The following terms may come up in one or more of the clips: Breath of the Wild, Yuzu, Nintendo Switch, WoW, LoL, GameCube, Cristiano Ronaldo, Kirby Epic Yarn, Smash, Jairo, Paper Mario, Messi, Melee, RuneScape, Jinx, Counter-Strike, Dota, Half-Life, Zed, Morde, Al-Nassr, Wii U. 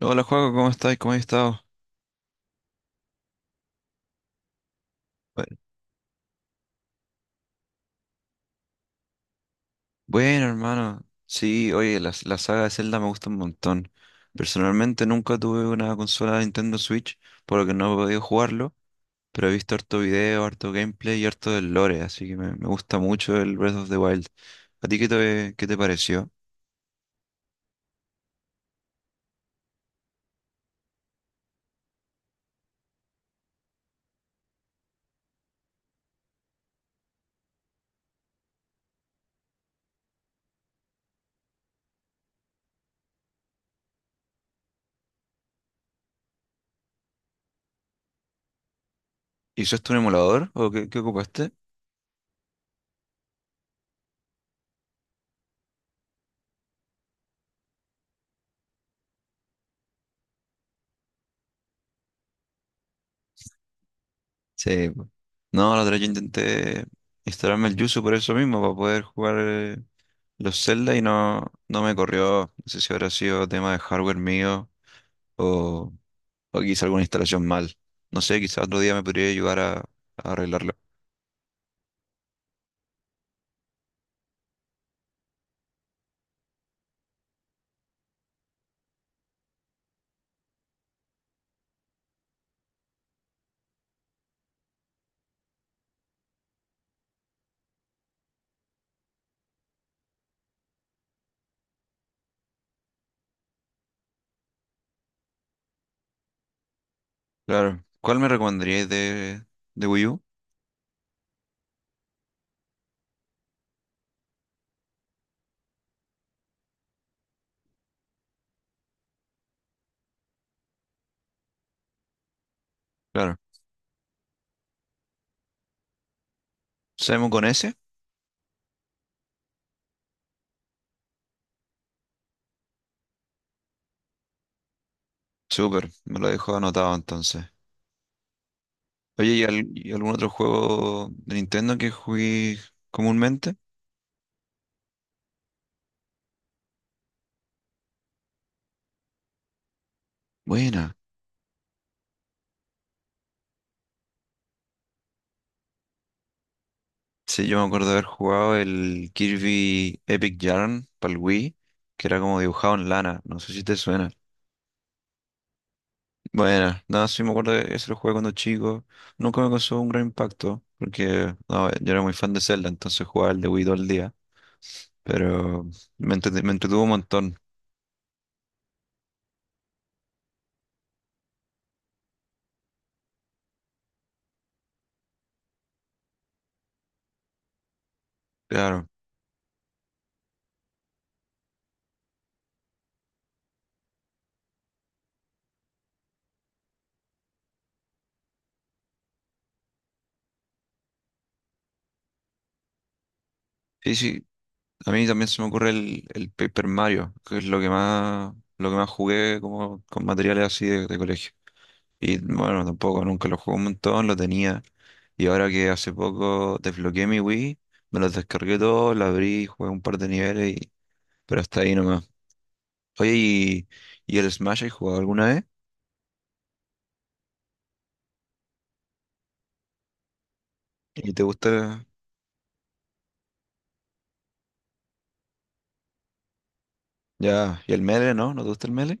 Hola, Juaco, ¿cómo estás? ¿Cómo has estado? Bu- Bueno, hermano. Sí, oye, la saga de Zelda me gusta un montón. Personalmente nunca tuve una consola de Nintendo Switch, por lo que no he podido jugarlo, pero he visto harto video, harto gameplay y harto del lore, así que me gusta mucho el Breath of the Wild. ¿A ti qué te pareció? ¿Hiciste un emulador o qué ocupaste? Sí, po. No, la otra vez yo intenté instalarme el Yuzu por eso mismo, para poder jugar los Zelda y no me corrió. No sé si habrá sido tema de hardware mío o, o quizá alguna instalación mal. No sé, quizá otro día me podría ayudar a arreglarlo. Claro. ¿Cuál me recomendaríais de Wii U? Claro. ¿Samu con ese? Súper, me lo dejo anotado entonces. Oye, ¿y algún otro juego de Nintendo que jugué comúnmente? Buena. Sí, yo me acuerdo de haber jugado el Kirby Epic Yarn para el Wii, que era como dibujado en lana. No sé si te suena. Bueno, nada, sí me acuerdo que ese lo jugué cuando chico. Nunca me causó un gran impacto, porque no, yo era muy fan de Zelda, entonces jugaba el de Wii todo el día. Pero me entretuvo un montón, claro. Sí, sí, a mí también se me ocurre el Paper Mario, que es lo que más jugué como con materiales así de colegio. Y bueno, tampoco, nunca lo jugué un montón, lo tenía. Y ahora que hace poco desbloqueé mi Wii, me los descargué todos, lo abrí, jugué un par de niveles, pero hasta ahí no. Oye, ¿y el Smash has jugado alguna vez? ¿Y te gusta? Ya, ¿y el Melee, no? ¿No te gusta el Melee?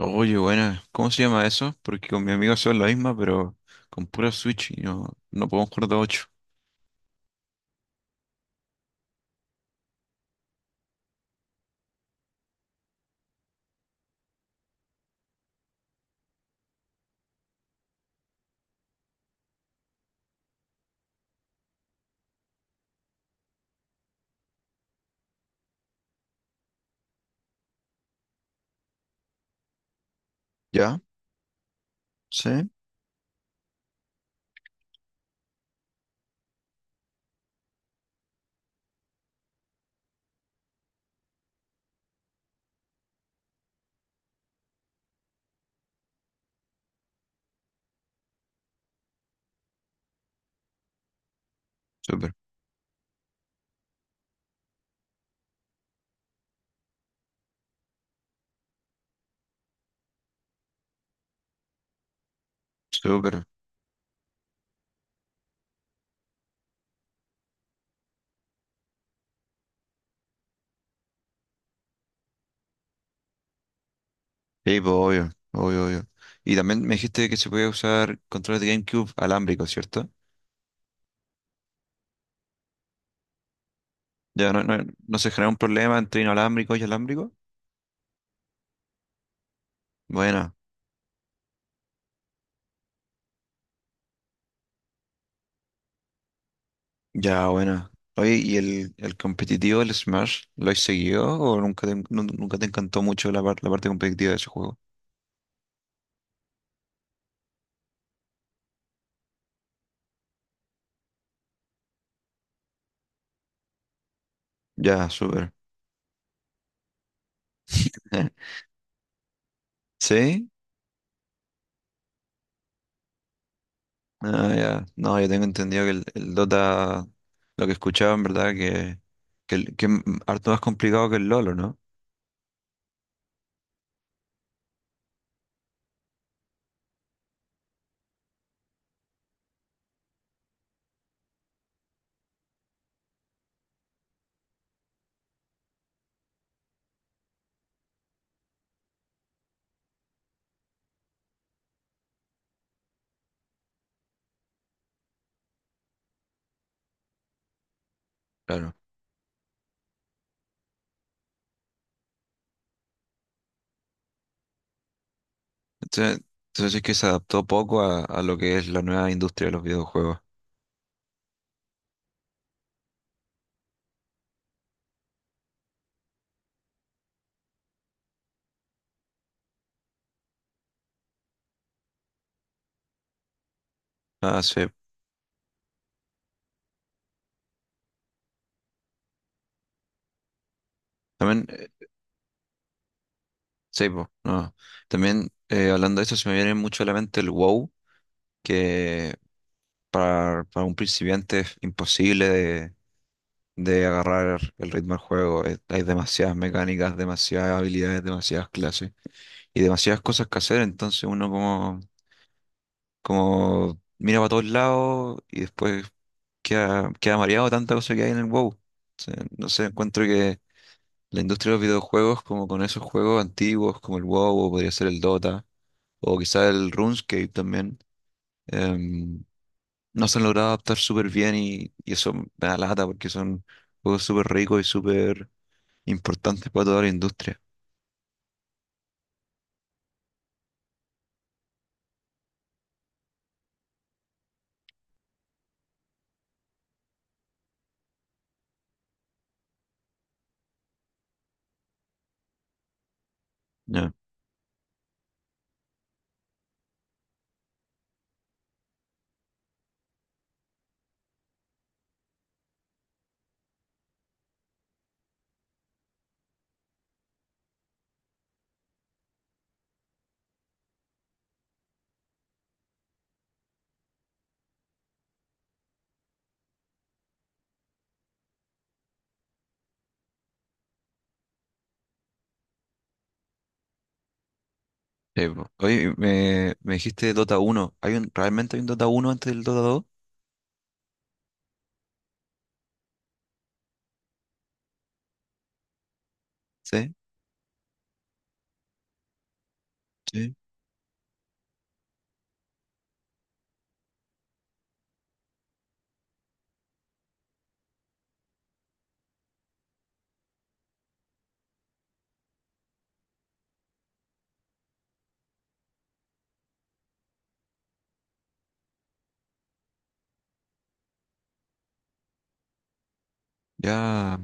Oye, bueno, ¿cómo se llama eso? Porque con mi amigo son la misma, pero con pura Switch y no podemos jugar de ocho. ¿Ya? ¿Sí? Súper, súper. Sí, pues, obvio, obvio, obvio. Y también me dijiste que se podía usar controles de GameCube alámbricos, ¿cierto? Ya, ¿no se genera un problema entre inalámbrico y alámbrico? Bueno, ya, bueno. Oye, ¿y el competitivo del Smash lo has seguido o nunca te encantó mucho la parte competitiva de ese juego? Ya, súper. ¿Sí? Ah, ya. No, yo tengo entendido que el Dota, lo que escuchaba en verdad, que es harto más complicado que el LoL, ¿o no? Claro. Entonces, entonces es que se adaptó poco a lo que es la nueva industria de los videojuegos. Ah, sí. También, sí, po, no. También, hablando de eso, se me viene mucho a la mente el WoW, que para un principiante es imposible de agarrar el ritmo del juego. Hay demasiadas mecánicas, demasiadas habilidades, demasiadas clases y demasiadas cosas que hacer. Entonces uno como mira para todos lados y después queda mareado de tanta cosa que hay en el WoW. No sé, encuentro que la industria de los videojuegos, como con esos juegos antiguos como el WoW o podría ser el Dota o quizá el RuneScape también. em, no se han logrado adaptar súper bien y eso me da lata porque son juegos súper ricos y súper importantes para toda la industria. Ya. Sí, po. Oye, me dijiste Dota uno. ¿Hay realmente hay un Dota uno antes del Dota dos? Sí. Sí. Ya.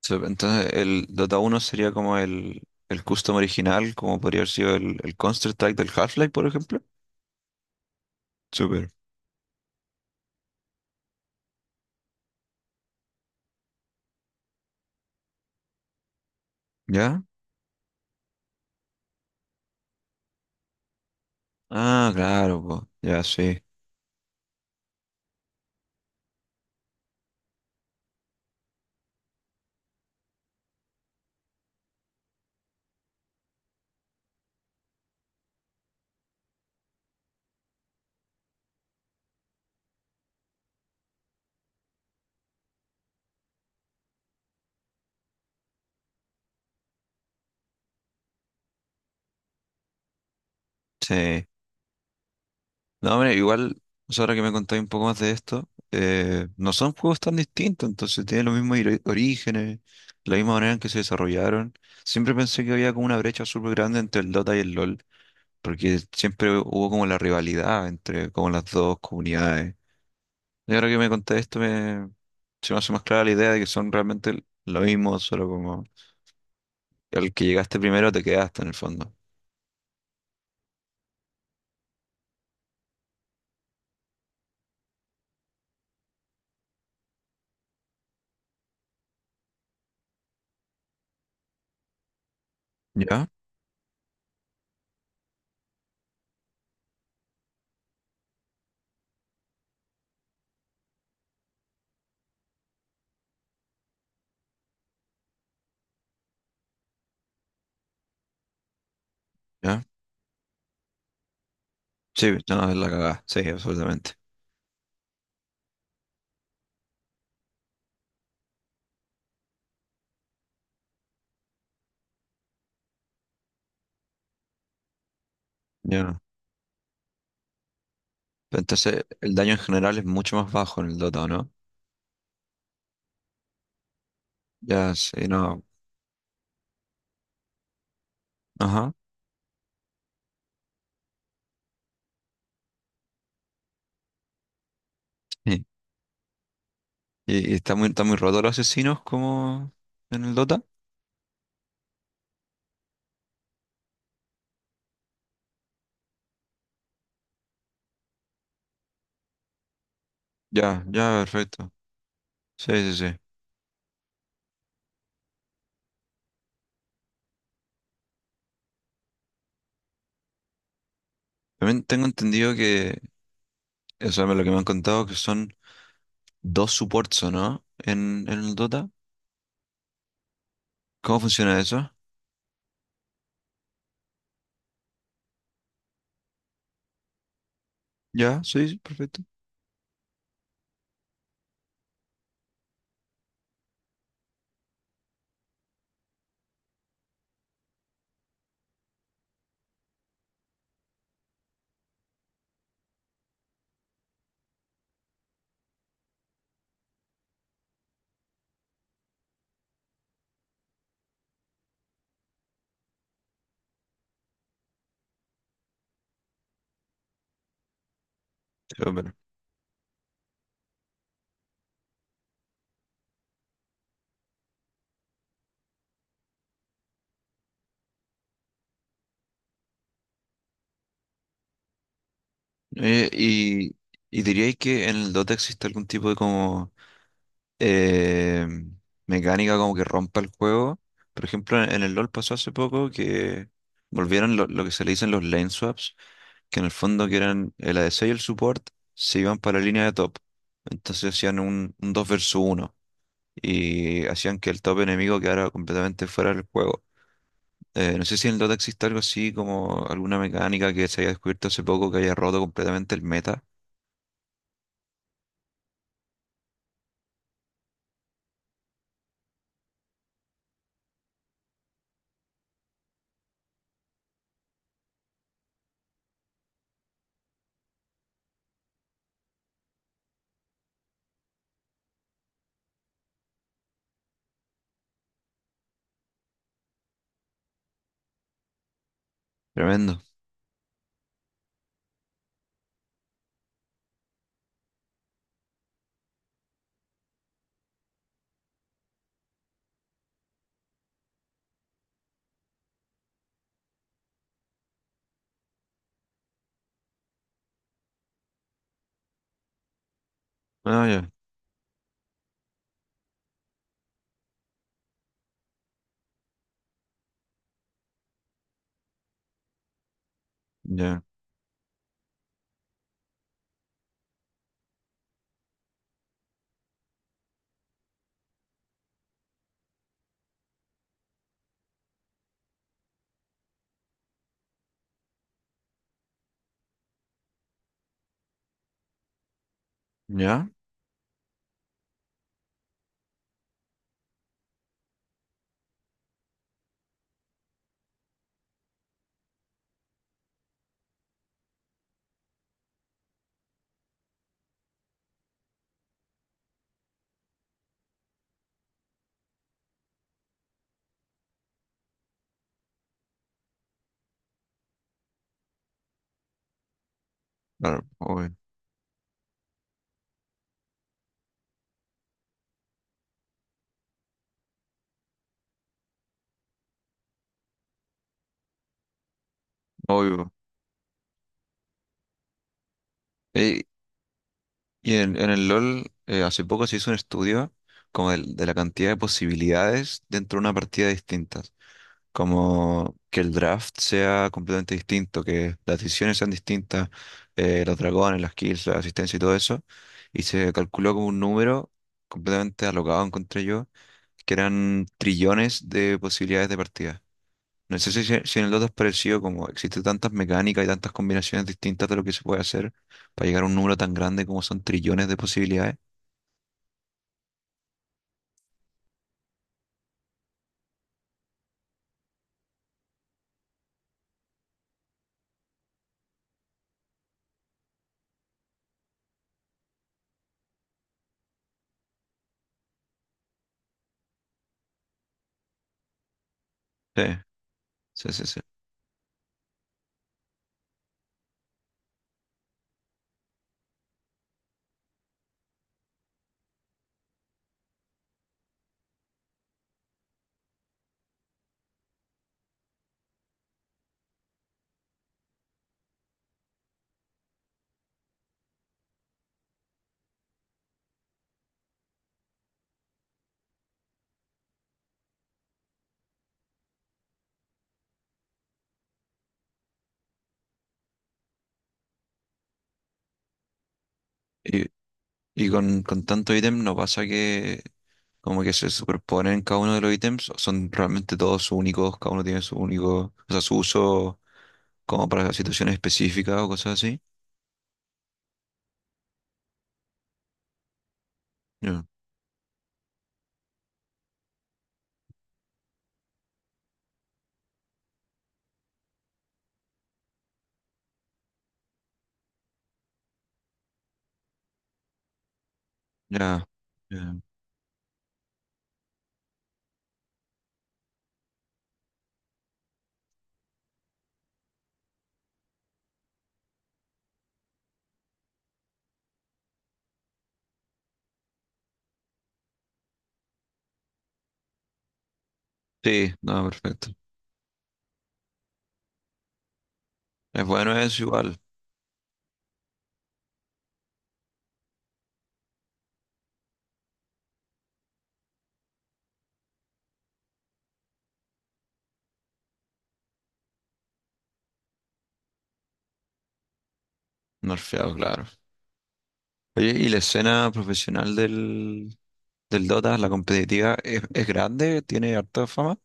Entonces, el Dota uno sería como el custom original, como podría haber sido el Counter-Strike del Half-Life, por ejemplo. Súper. ¿Ya? Ah, claro, po. Ya, sí. Sí. No, hombre, igual, o sea, ahora que me contáis un poco más de esto, no son juegos tan distintos, entonces tienen los mismos orígenes, la misma manera en que se desarrollaron. Siempre pensé que había como una brecha súper grande entre el Dota y el LoL, porque siempre hubo como la rivalidad entre como las dos comunidades. Y ahora que me contáis esto, se me hace más clara la idea de que son realmente lo mismo, solo como el que llegaste primero te quedaste en el fondo. ¿Ya? ¿Ya? Sí, no, es la cagada, sí, absolutamente. Ya. No. Entonces, el daño en general es mucho más bajo en el Dota, ¿no? Ya, sí, no. Ajá. Sí. Y está muy roto los asesinos como en el Dota. Ya, ya, perfecto. Sí, sí, sí. También tengo entendido que, o sea, lo que me han contado que son dos supports, ¿o no? En el Dota. ¿Cómo funciona eso? Ya, sí, sí, perfecto. Sí, bueno. Eh, y, y diríais que en el Dota existe algún tipo de como eh, mecánica como que rompa el juego. Por ejemplo, en el LoL pasó hace poco que volvieron lo que se le dicen los lane swaps, que en el fondo que eran el ADC y el support se iban para la línea de top. Entonces hacían un 2 versus uno y hacían que el top enemigo quedara completamente fuera del juego. No sé si en el Dota existe algo así como alguna mecánica que se haya descubierto hace poco que haya roto completamente el meta. Tremendo. Ah, ya, ya, ya. Claro, obvio. Obvio. Eh, Y en el LOL hace poco se hizo un estudio como de la cantidad de posibilidades dentro de una partida distintas. Como que el draft sea completamente distinto, que las decisiones sean distintas, los dragones, las kills, la asistencia y todo eso. Y se calculó como un número completamente alocado, encontré yo, que eran trillones de posibilidades de partida. No sé si en el Dota es parecido, como existen tantas mecánicas y tantas combinaciones distintas de lo que se puede hacer para llegar a un número tan grande como son trillones de posibilidades. Sí, sí, sí, sí. Y, y con tanto ítem no pasa que como que se superponen cada uno de los ítems, o son realmente todos únicos, cada uno tiene su único, o sea, su uso como para situaciones específicas o cosas así. Ya, ya, ya. Sí, no, perfecto. Es bueno, es igual, nerfeado, claro. Oye, ¿y la escena profesional del Dota, la competitiva es grande, tiene harta fama?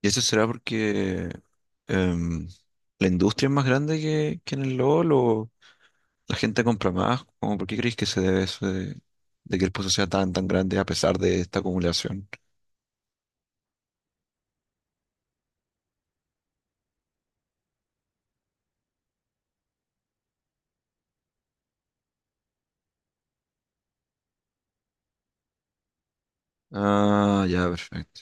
Y eso será porque em, la industria es más grande que en el LoL o la gente compra más. ¿Cómo por qué creéis que se debe eso de que el pozo sea tan grande a pesar de esta acumulación? Ah, ya, perfecto.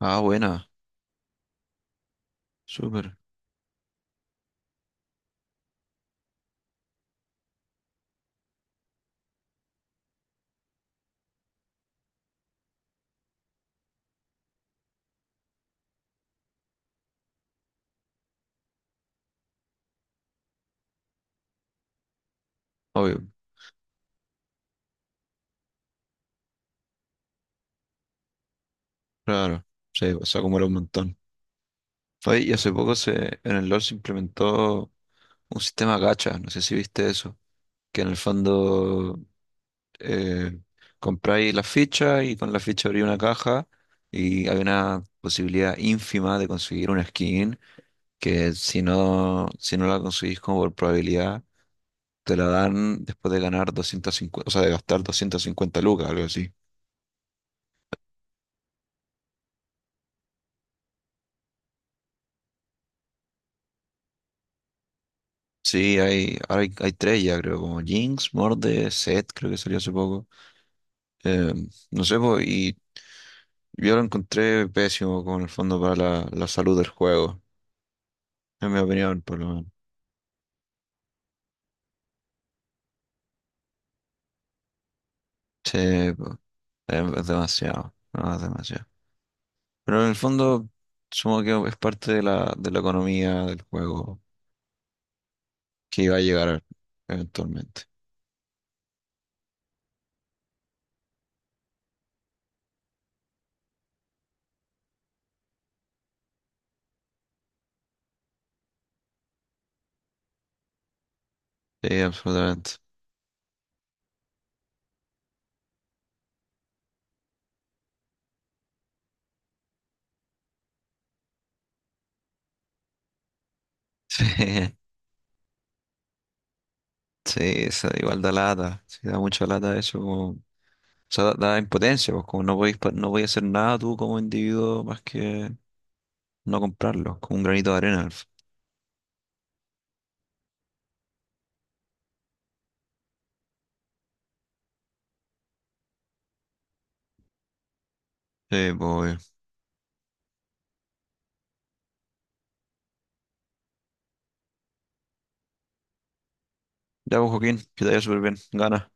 Ah, buena, súper, obvio, claro. Sí, pues, se acumula un montón. Oye, y hace poco en el LoL se implementó un sistema gacha, no sé si viste eso, que en el fondo eh, compráis la ficha y con la ficha abrí una caja y hay una posibilidad ínfima de conseguir una skin que si no la conseguís como por probabilidad, te la dan después de ganar 250 o sea, de gastar 250 lucas, algo así. Sí, hay tres ya, creo, como Jinx, Morde, Zed, creo que salió hace poco. Eh, no sé, po, y yo lo encontré pésimo con el fondo para la salud del juego, en mi opinión, por lo menos. Sí, pues. Es demasiado, no, es demasiado. Pero en el fondo, supongo que es parte de la economía del juego que iba a llegar eventualmente. Sí, absolutamente. Sí, sí, esa igual da lata. Sí, da mucha lata eso. Como, o sea, da impotencia, pues como no podéis, no podéis hacer nada tú como individuo más que no comprarlo, como un granito de arena. Sí, pues. Ya, pues, Joaquín, que te vaya súper bien. Gana.